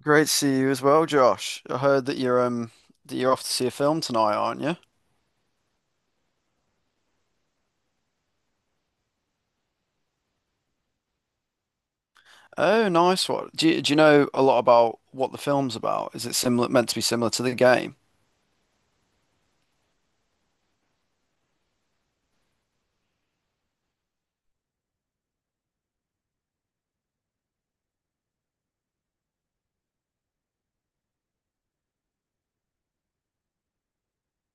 Great to see you as well, Josh. I heard that you're that you're off to see a film tonight, aren't you? Oh, nice one. Do you know a lot about what the film's about? Is it similar meant to be similar to the game?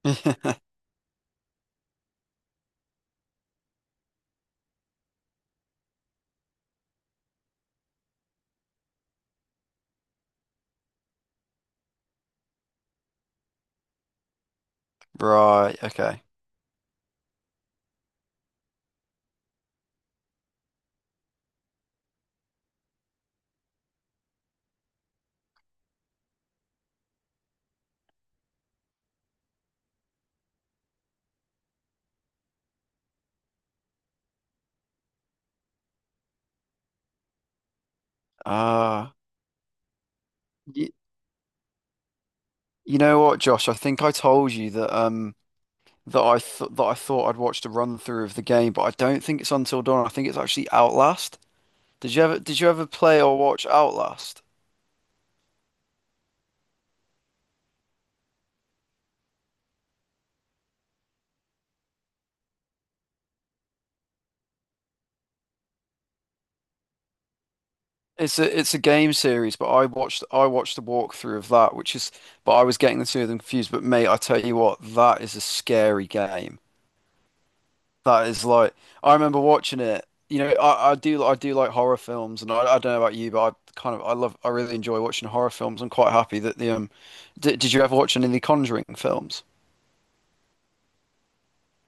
Right, okay. Ah, y you know what, Josh? I think I told you that that I th that I thought I'd watched a run through of the game, but I don't think it's Until Dawn. I think it's actually Outlast. Did you ever play or watch Outlast? It's a game series, but I watched the walkthrough of that, which is but I was getting the two of them confused. But mate, I tell you what, that is a scary game. That is like I remember watching it. You know, I do I do like horror films, and I don't know about you, but I kind of I love I really enjoy watching horror films. I'm quite happy that the did you ever watch any of the Conjuring films?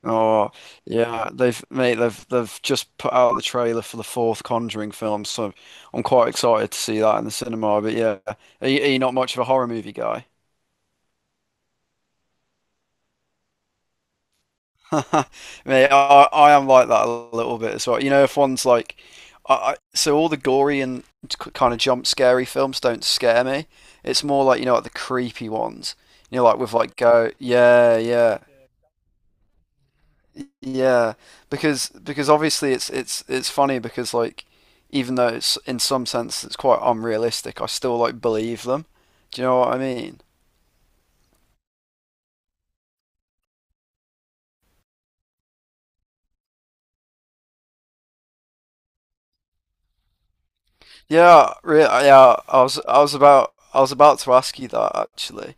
Oh yeah, they've mate, they've just put out the trailer for the fourth Conjuring film, so I'm quite excited to see that in the cinema. But yeah, are you not much of a horror movie guy? Mate, I am like that a little bit as well. You know, if one's like, I so all the gory and kind of jump scary films don't scare me. It's more like like the creepy ones. You know, like with like go, yeah, yeah. Yeah, because obviously it's funny because like even though it's in some sense it's quite unrealistic, I still like believe them. Do you know what I mean? Yeah, really. Yeah, I was about to ask you that actually.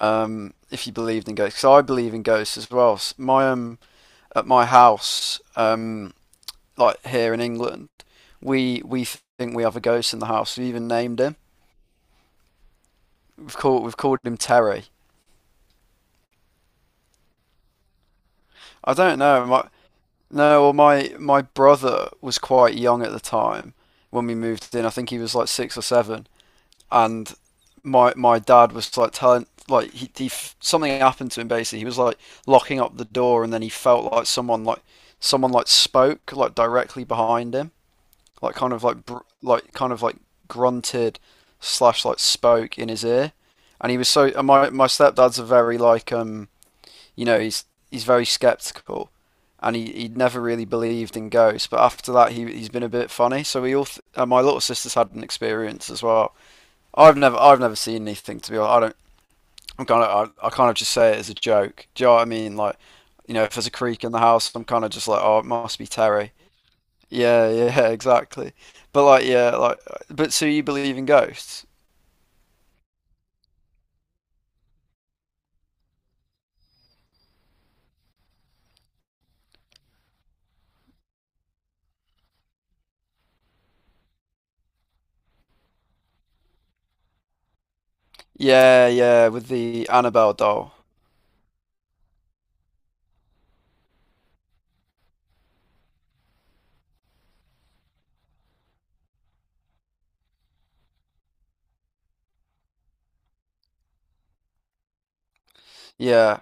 If you believed in ghosts, 'cause I believe in ghosts as well. My at my house like here in England, we think we have a ghost in the house. We even named him. We've called him Terry. I don't know. No, well, my brother was quite young at the time when we moved in. I think he was like six or seven, and my dad was like telling like he something happened to him basically. He was like locking up the door, and then he felt like someone spoke like directly behind him, like kind of like br like kind of like grunted slash like spoke in his ear, and he was so. And my stepdad's a very like you know, he's he's very skeptical, and he never really believed in ghosts. But after that, he's been a bit funny. So we all, my little sister's had an experience as well. I've never seen anything to be honest. I don't. I kind of just say it as a joke. Do you know what I mean? Like, you know, if there's a creak in the house, I'm kind of just like, oh, it must be Terry. Yeah, yeah, exactly. But like, yeah, like, but so you believe in ghosts? Yeah, yeah, with the Annabelle doll. Yeah,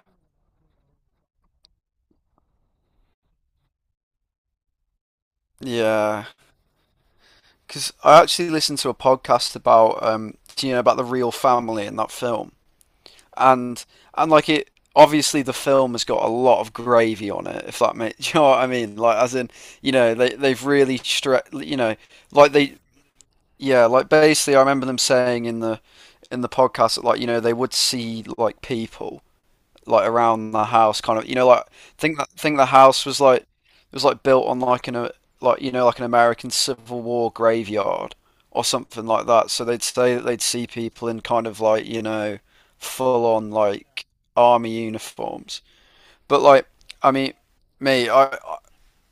yeah. Because I actually listened to a podcast about you know, about the real family in that film, and and like it obviously the film has got a lot of gravy on it. If that makes you know what I mean, like as in you know they they've really stretched you know like they yeah like basically I remember them saying in the podcast that like you know they would see like people like around the house, kind of you know like think that think the house was like it was like built on like an a like you know like an American Civil War graveyard or something like that. So they'd say that they'd see people in kind of like you know full on like army uniforms. But like I mean, me I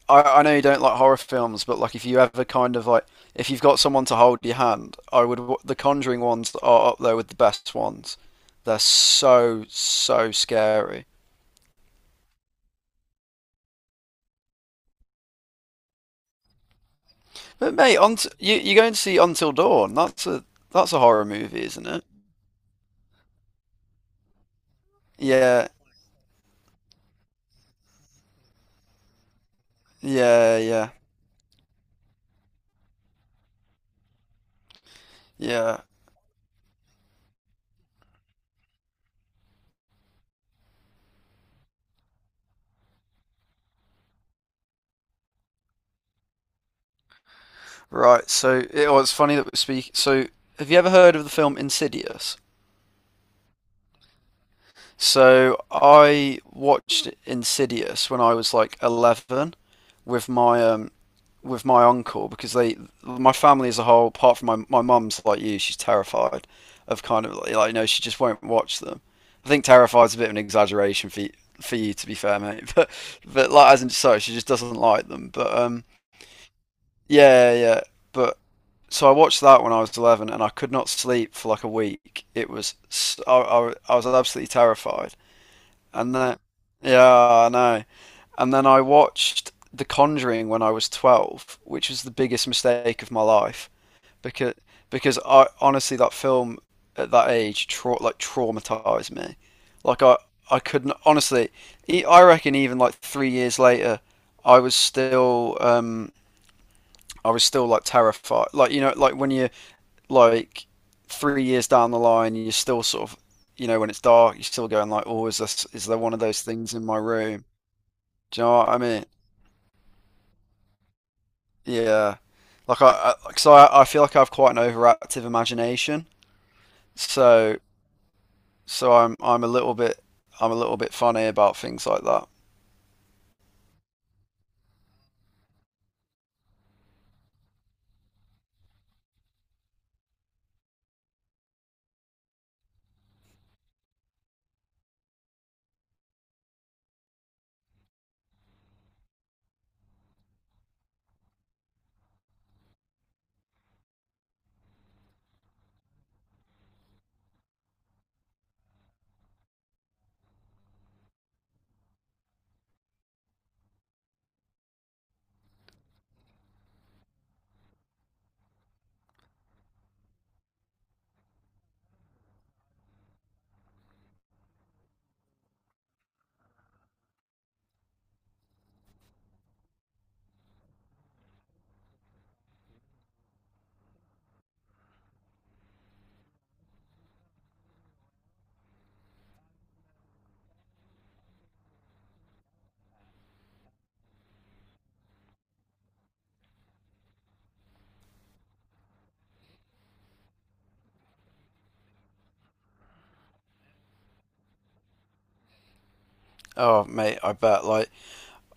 I, I know you don't like horror films, but like if you ever kind of like if you've got someone to hold your hand, the Conjuring ones are up there with the best ones. They're so so scary. But mate, you you're going to see Until Dawn. That's a horror movie, isn't it? Yeah, yeah, yeah, yeah. Right. So it, was funny that we speak. So have you ever heard of the film Insidious? So I watched Insidious when I was like 11 with my with my uncle because they, my family as a whole, apart from my mum's like you, she's terrified of kind of like you know she just won't watch them. I think terrified's a bit of an exaggeration for you to be fair, mate. But like as in so she just doesn't like them. But yeah yeah. But so I watched that when I was 11 and I could not sleep for like a week. It was I I was absolutely terrified. And then, yeah, I know. And then I watched The Conjuring when I was 12, which was the biggest mistake of my life because because I honestly that film at that age like traumatized me. Like I couldn't honestly I reckon even like 3 years later I was still um I was still like terrified. Like you know like when you like 3 years down the line, you're still sort of, you know, when it's dark, you're still going like, oh, is this is there one of those things in my room? Do you know what I mean? Yeah, like I like, so I feel like I have quite an overactive imagination, so so I'm a little bit I'm a little bit funny about things like that. Oh, mate, I bet like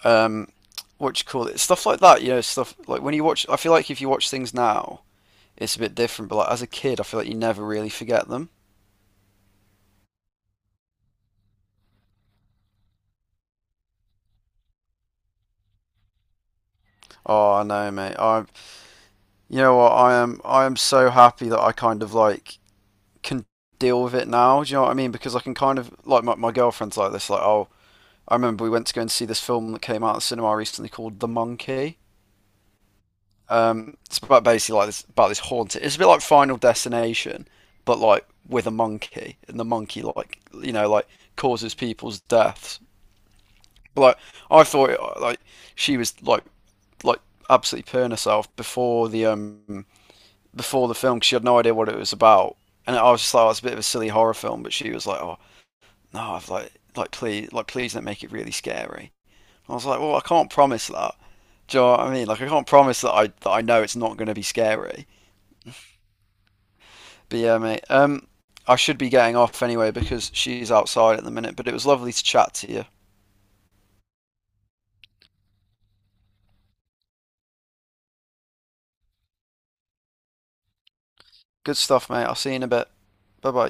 um, what you call it, stuff like that. You know, stuff like when you watch, I feel like if you watch things now, it's a bit different, but like as a kid, I feel like you never really forget them. Oh, I know, mate. I You know what? I am so happy that I kind of like can deal with it now. Do you know what I mean? Because I can kind of like my girlfriend's like this. Like, oh, I remember we went to go and see this film that came out at the cinema recently called The Monkey. It's about basically like this about this haunted. It's a bit like Final Destination, but like with a monkey, and the monkey like you know like causes people's deaths. But like I thought like she was like absolutely purring herself before the before the film because she had no idea what it was about, and I was just like, oh, it's a bit of a silly horror film. But she was like, oh no, I've like please please don't make it really scary. And I was like, well, I can't promise that. Do you know what I mean? Like, I can't promise that I know it's not going to be scary. But yeah, mate. I should be getting off anyway because she's outside at the minute. But it was lovely to chat to you. Good stuff, mate. I'll see you in a bit. Bye bye.